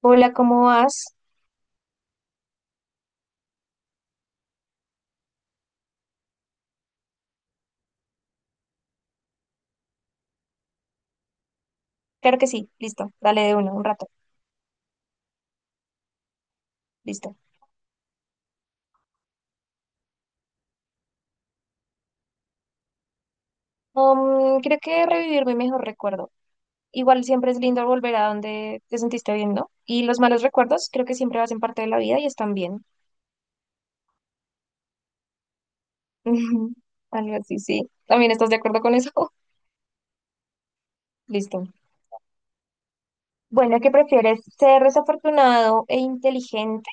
Hola, ¿cómo vas? Claro que sí, listo, dale de uno, un rato, listo. Creo que revivir mi mejor recuerdo. Igual siempre es lindo volver a donde te sentiste bien, ¿no? Y los malos recuerdos creo que siempre hacen parte de la vida y están bien. Algo así, sí. ¿También estás de acuerdo con eso? Listo. Bueno, ¿qué prefieres? ¿Ser desafortunado e inteligente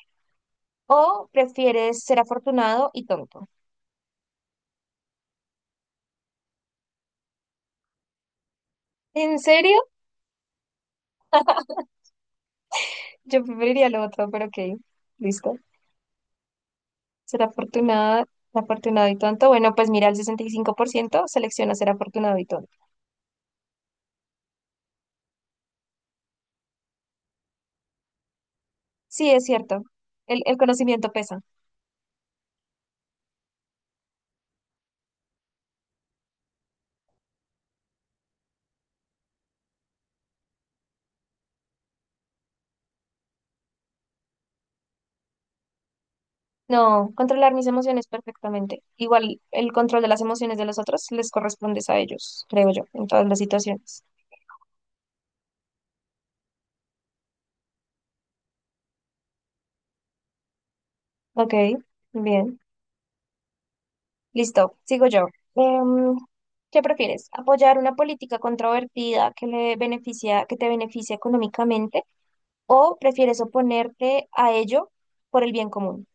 o prefieres ser afortunado y tonto? ¿En serio? Yo preferiría lo otro, pero ok, listo. Ser afortunada, afortunado y tonto. Bueno, pues mira, el 65% selecciona ser afortunado y tonto. Sí, es cierto. El conocimiento pesa. No, controlar mis emociones perfectamente. Igual el control de las emociones de los otros les corresponde a ellos, creo yo, en todas las situaciones. Ok, bien. Listo, sigo yo. Em, ¿Qué prefieres? ¿Apoyar una política controvertida que le beneficia, que te beneficia económicamente o prefieres oponerte a ello por el bien común?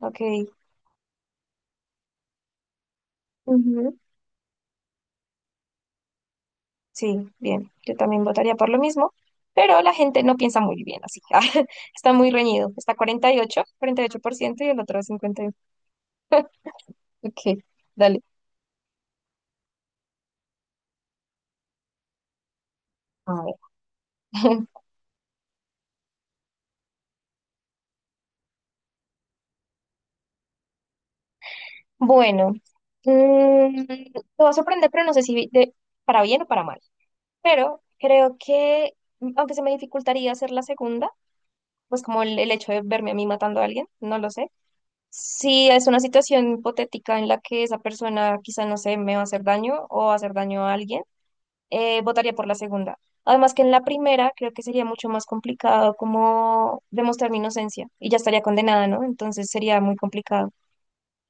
Ok. Ujú. Sí, bien, yo también votaría por lo mismo, pero la gente no piensa muy bien así. Ah, está muy reñido. Está 48-48% y el otro 51. Ok, dale. A ver. Bueno, mm, te va a sorprender, pero no sé si de- para bien o para mal. Pero creo que, aunque se me dificultaría hacer la segunda, pues como el hecho de verme a mí matando a alguien, no lo sé. Si es una situación hipotética en la que esa persona quizá, no sé, me va a hacer daño o va a hacer daño a alguien votaría por la segunda. Además que en la primera creo que sería mucho más complicado como demostrar mi inocencia y ya estaría condenada, ¿no? Entonces sería muy complicado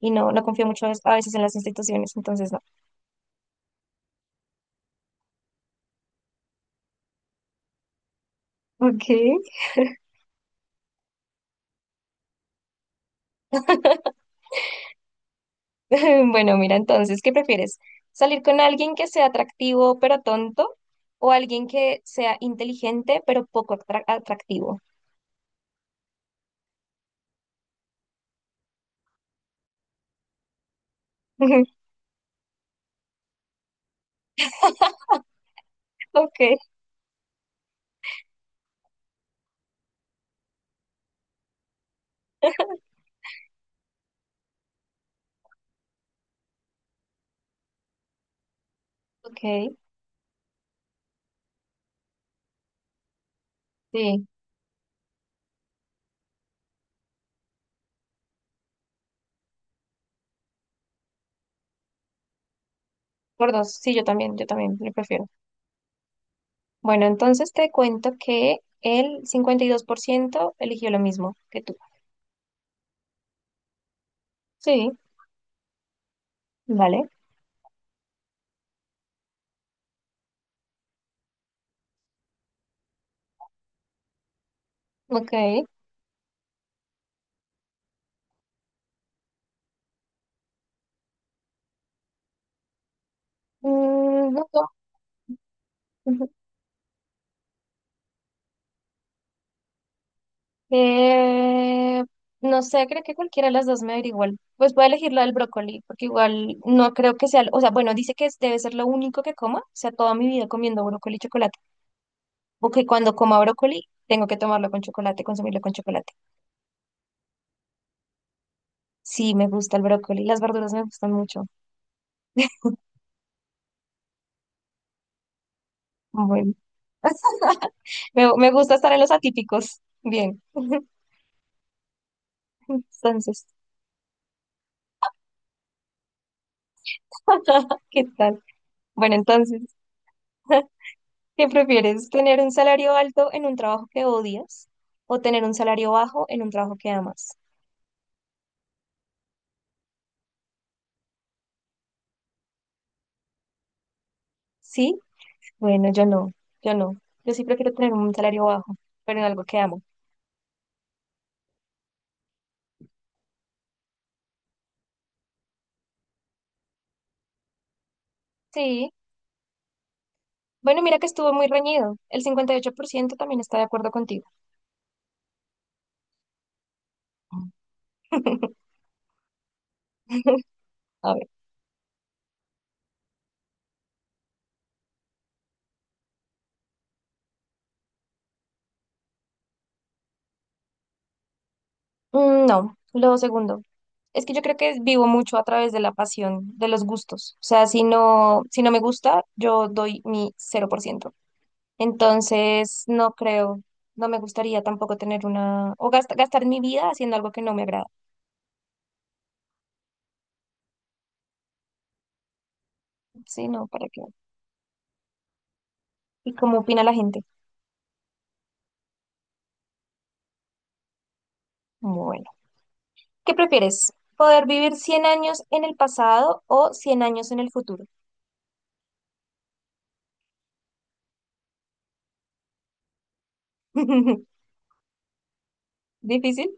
y no, no confío mucho a veces en las instituciones, entonces no. Ok. Bueno, mira, entonces, ¿qué prefieres? ¿Salir con alguien que sea atractivo pero tonto o alguien que sea inteligente pero poco atractivo? Ok, ok, sí, por dos, sí, yo también, lo prefiero. Bueno, entonces te cuento que el 52% eligió lo mismo que tú. Sí, vale. Ok. Mm, no, no. Ujú. Eh, no sé, creo que cualquiera de las dos me daría igual. Pues voy a elegir la del brócoli, porque igual no creo que sea, o sea, bueno, dice que es- debe ser lo único que coma, o sea, toda mi vida comiendo brócoli y chocolate, o que cuando coma brócoli tengo que tomarlo con chocolate, consumirlo con chocolate. Sí, me gusta el brócoli, las verduras me gustan mucho. Bueno. Me gusta estar en los atípicos. Bien. Entonces, ¿qué tal? Bueno, entonces, ¿qué prefieres? ¿Tener un salario alto en un trabajo que odias o tener un salario bajo en un trabajo que amas? ¿Sí? Bueno, yo no, yo no. Yo sí prefiero tener un salario bajo, pero en algo que amo. Sí. Bueno, mira que estuvo muy reñido. El 58% también está de acuerdo contigo. A Mm, no, lo segundo. Es que yo creo que vivo mucho a través de la pasión, de los gustos. O sea, si no me gusta, yo doy mi 0%. Entonces, no creo, no me gustaría tampoco tener una, o gastar mi vida haciendo algo que no me agrada. Sí, no, ¿para qué? ¿Y cómo opina la gente? Bueno, ¿qué prefieres? ¿Poder vivir 100 años en el pasado o 100 años en el futuro? ¿Difícil?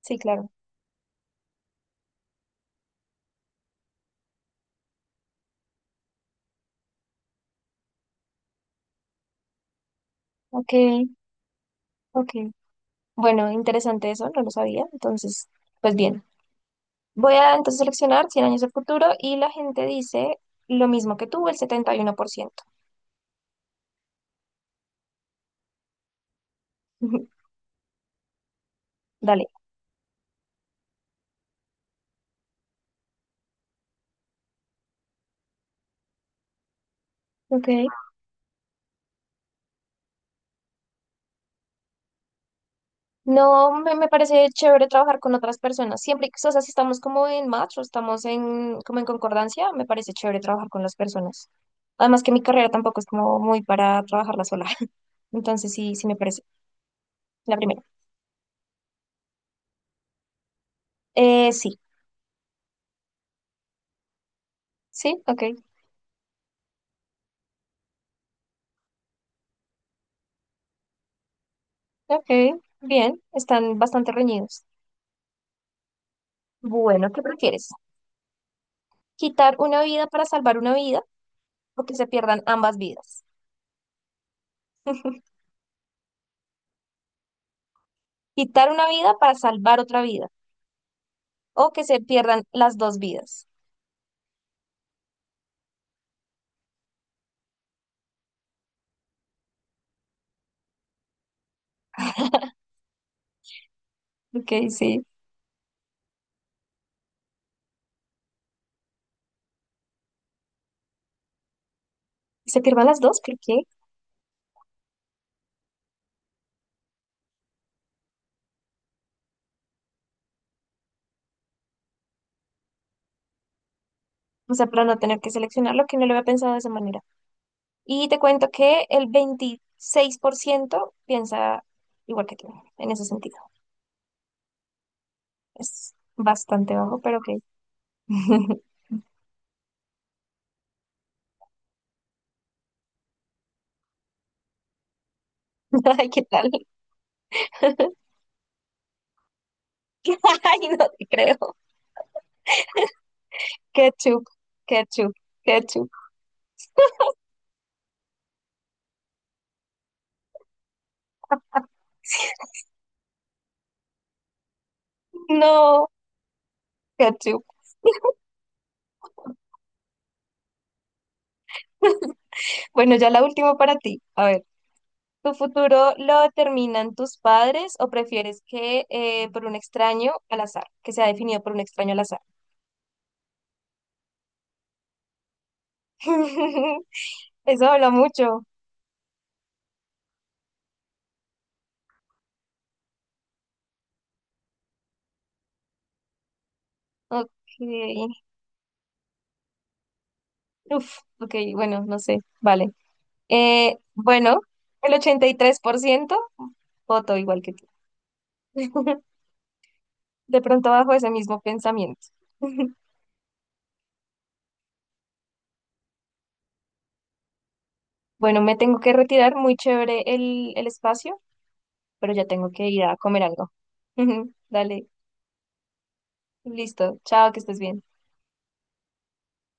Sí, claro. Ok, ok. Bueno, interesante eso, no lo sabía. Entonces, pues bien, voy a entonces seleccionar 100 años del futuro y la gente dice lo mismo que tú, el 71%. Dale. Ok, no, me parece chévere trabajar con otras personas. Siempre, que- o sea, si estamos como en match o estamos en, como en concordancia, me parece chévere trabajar con las personas. Además que mi carrera tampoco es como muy para trabajarla sola. Entonces sí, sí me parece. La primera. Sí, sí, ok, ok, bien, están bastante reñidos. Bueno, ¿qué prefieres? ¿Quitar una vida para salvar una vida o que se pierdan ambas vidas? ¿Quitar una vida para salvar otra vida o que se pierdan las dos vidas? Ok, sí. ¿Se pierdan las dos? ¿Por qué? O sea, para no tener que seleccionar lo que no lo había pensado de esa manera. Y te cuento que el 26% piensa igual que tú, en ese sentido. Es bastante bajo, pero ok. Ay, ¿qué tal? Ay, no te creo. Ketchup, ketchup, ketchup. No. Ketchup. Bueno, ya la última para ti. A ver, ¿tu futuro lo determinan tus padres o prefieres que por un extraño al azar, que sea definido por un extraño al azar? Eso habla mucho. Ok. Uf, ok, bueno, no sé. Vale. Bueno, el 83% voto igual que tú. De pronto bajo ese mismo pensamiento. Bueno, me tengo que retirar. Muy chévere el espacio, pero ya tengo que ir a comer algo. Dale, listo. Chao, que estés bien.